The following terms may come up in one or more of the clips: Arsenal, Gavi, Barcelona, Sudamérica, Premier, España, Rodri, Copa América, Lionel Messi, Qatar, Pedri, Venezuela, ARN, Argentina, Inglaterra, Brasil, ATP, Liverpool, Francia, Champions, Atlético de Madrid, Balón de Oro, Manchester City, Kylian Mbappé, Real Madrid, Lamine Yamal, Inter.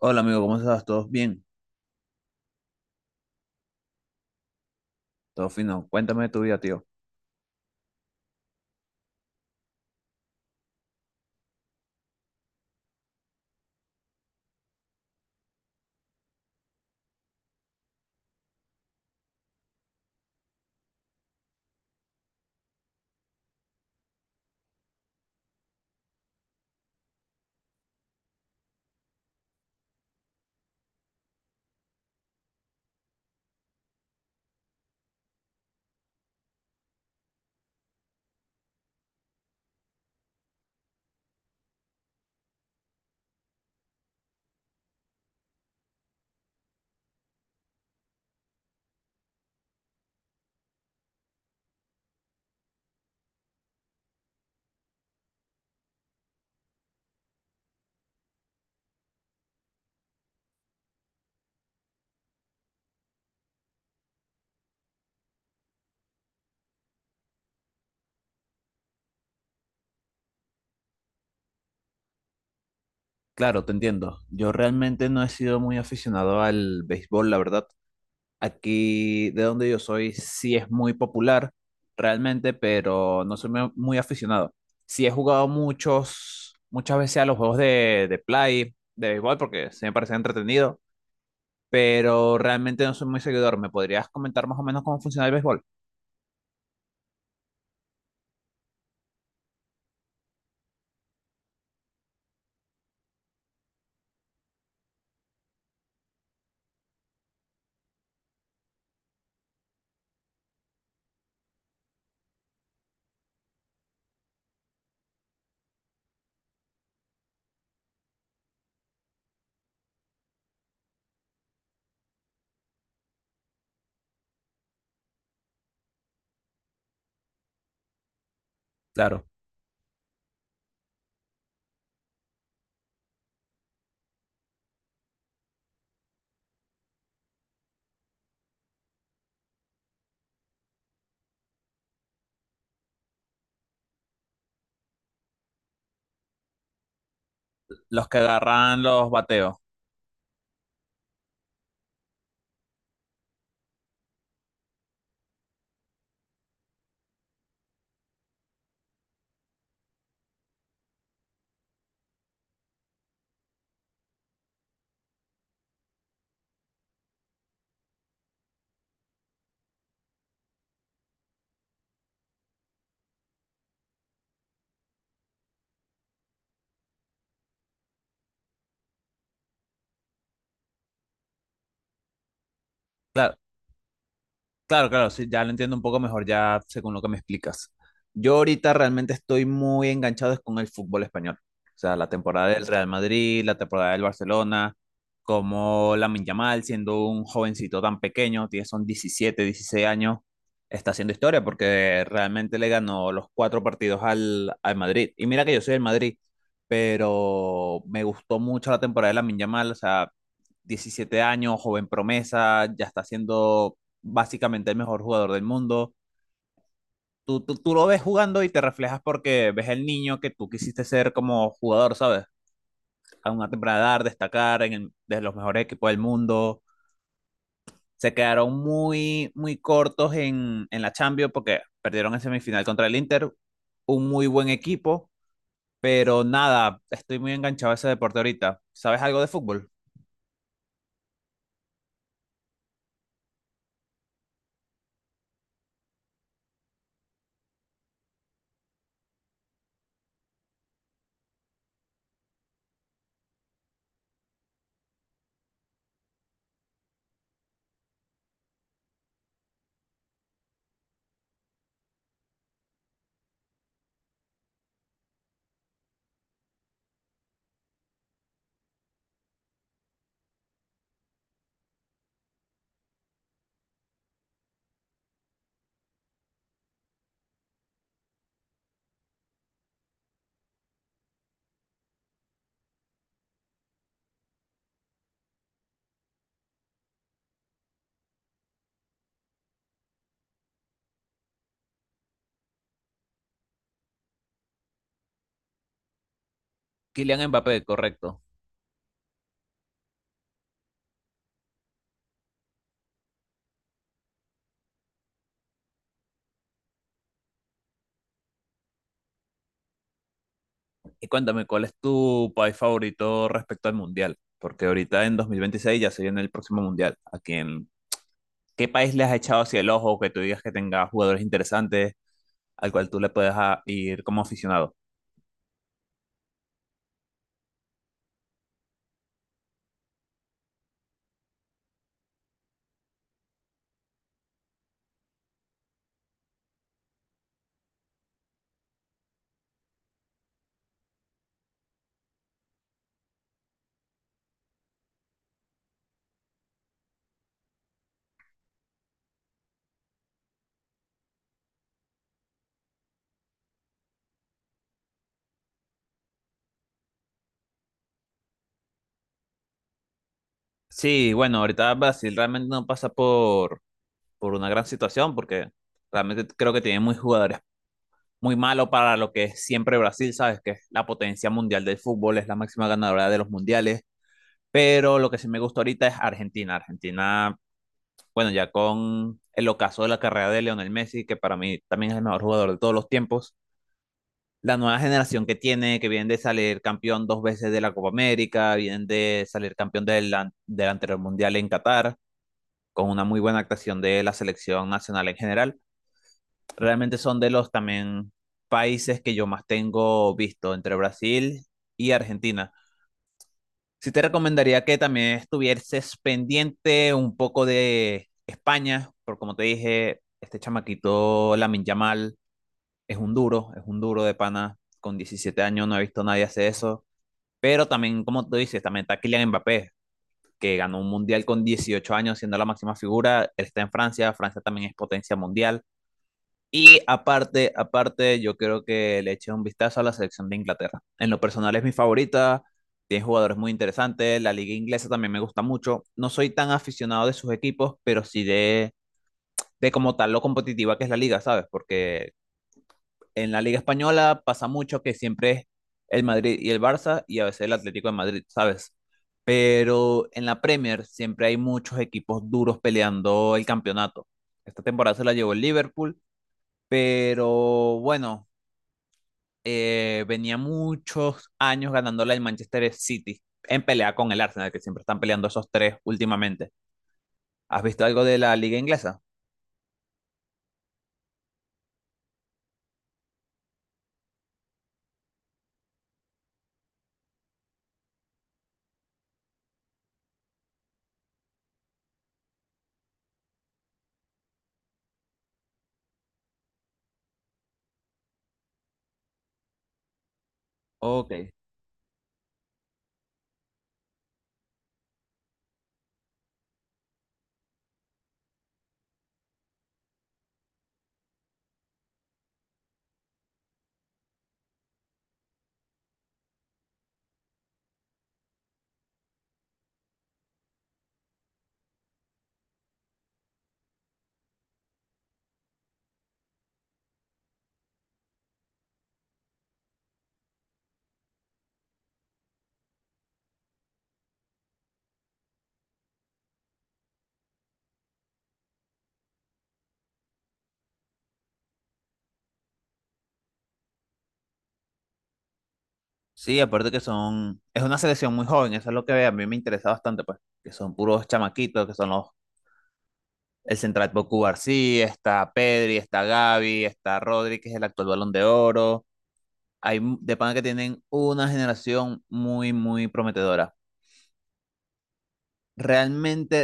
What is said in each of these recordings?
Hola amigo, ¿cómo estás? ¿Todos bien? Todo fino. Cuéntame de tu vida, tío. Claro, te entiendo. Yo realmente no he sido muy aficionado al béisbol, la verdad. Aquí de donde yo soy sí es muy popular, realmente, pero no soy muy aficionado. Sí he jugado muchas veces a los juegos de play, de béisbol, porque se me parece entretenido, pero realmente no soy muy seguidor. ¿Me podrías comentar más o menos cómo funciona el béisbol? Claro. Los que agarran los bateos. Claro. Claro, claro, sí, ya lo entiendo un poco mejor ya según lo que me explicas. Yo ahorita realmente estoy muy enganchado es con el fútbol español. O sea, la temporada del Real Madrid, la temporada del Barcelona, como Lamine Yamal, siendo un jovencito tan pequeño, tiene son 17, 16 años, está haciendo historia porque realmente le ganó los cuatro partidos al Madrid. Y mira que yo soy del Madrid, pero me gustó mucho la temporada de Lamine Yamal, o sea, 17 años, joven promesa, ya está haciendo básicamente el mejor jugador del mundo. Tú lo ves jugando y te reflejas porque ves el niño que tú quisiste ser como jugador, ¿sabes? A una temprana edad, destacar en de los mejores equipos del mundo. Se quedaron muy, muy cortos en la Champions porque perdieron en semifinal contra el Inter. Un muy buen equipo, pero nada, estoy muy enganchado a ese deporte ahorita. ¿Sabes algo de fútbol? Kylian Mbappé, correcto. Y cuéntame, ¿cuál es tu país favorito respecto al mundial? Porque ahorita en 2026 ya se viene el próximo mundial. ¿A quién, qué país le has echado hacia el ojo que tú digas que tenga jugadores interesantes al cual tú le puedes ir como aficionado? Sí, bueno, ahorita Brasil realmente no pasa por una gran situación porque realmente creo que tiene muy jugadores muy malos para lo que es siempre Brasil, ¿sabes? Que es la potencia mundial del fútbol, es la máxima ganadora de los mundiales. Pero lo que sí me gusta ahorita es Argentina. Argentina bueno, ya con el ocaso de la carrera de Lionel Messi, que para mí también es el mejor jugador de todos los tiempos, la nueva generación que tiene, que vienen de salir campeón dos veces de la Copa América, vienen de salir campeón del anterior Mundial en Qatar, con una muy buena actuación de la selección nacional en general, realmente son de los también países que yo más tengo visto entre Brasil y Argentina. Sí te recomendaría que también estuvieses pendiente un poco de España, porque como te dije, este chamaquito Lamin Yamal es un duro de pana, con 17 años no he visto a nadie hacer eso, pero también, como tú dices, también está Kylian Mbappé, que ganó un mundial con 18 años siendo la máxima figura, él está en Francia, Francia también es potencia mundial. Y aparte, yo creo que le eché un vistazo a la selección de Inglaterra. En lo personal es mi favorita, tiene jugadores muy interesantes, la liga inglesa también me gusta mucho. No soy tan aficionado de sus equipos, pero sí de como tal lo competitiva que es la liga, ¿sabes? Porque en la liga española pasa mucho que siempre es el Madrid y el Barça y a veces el Atlético de Madrid, ¿sabes? Pero en la Premier siempre hay muchos equipos duros peleando el campeonato. Esta temporada se la llevó el Liverpool, pero bueno venía muchos años ganándola el Manchester City en pelea con el Arsenal, que siempre están peleando esos tres últimamente. ¿Has visto algo de la liga inglesa? Ok. Sí, aparte que son, es una selección muy joven, eso es lo que a mí me interesa bastante, pues, que son puros chamaquitos, que son los, el central Boku García, está Pedri, está Gavi, está Rodri, que es el actual Balón de Oro. Hay de pana que tienen una generación muy, muy prometedora. Realmente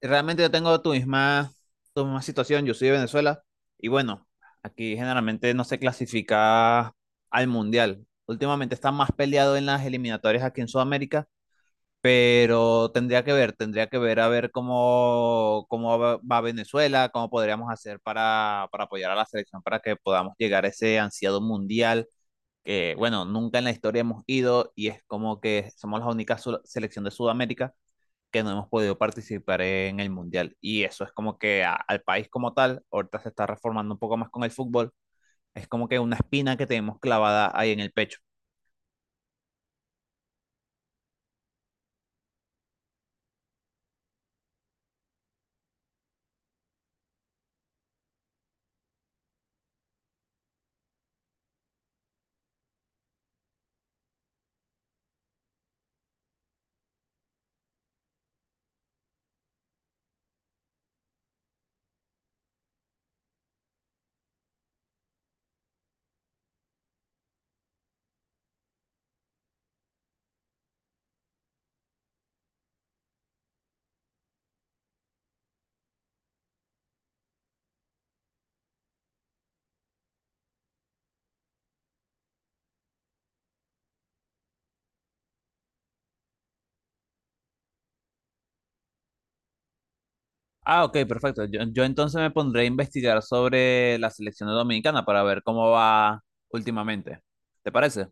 realmente yo tengo tu misma situación, yo soy de Venezuela y bueno, aquí generalmente no se clasifica al mundial. Últimamente está más peleado en las eliminatorias aquí en Sudamérica, pero tendría que ver a ver cómo va Venezuela, cómo podríamos hacer para apoyar a la selección para que podamos llegar a ese ansiado mundial que, bueno, nunca en la historia hemos ido y es como que somos la única selección de Sudamérica que no hemos podido participar en el Mundial. Y eso es como que al país como tal, ahorita se está reformando un poco más con el fútbol, es como que una espina que tenemos clavada ahí en el pecho. Ah, ok, perfecto. Yo entonces me pondré a investigar sobre la selección dominicana para ver cómo va últimamente. ¿Te parece?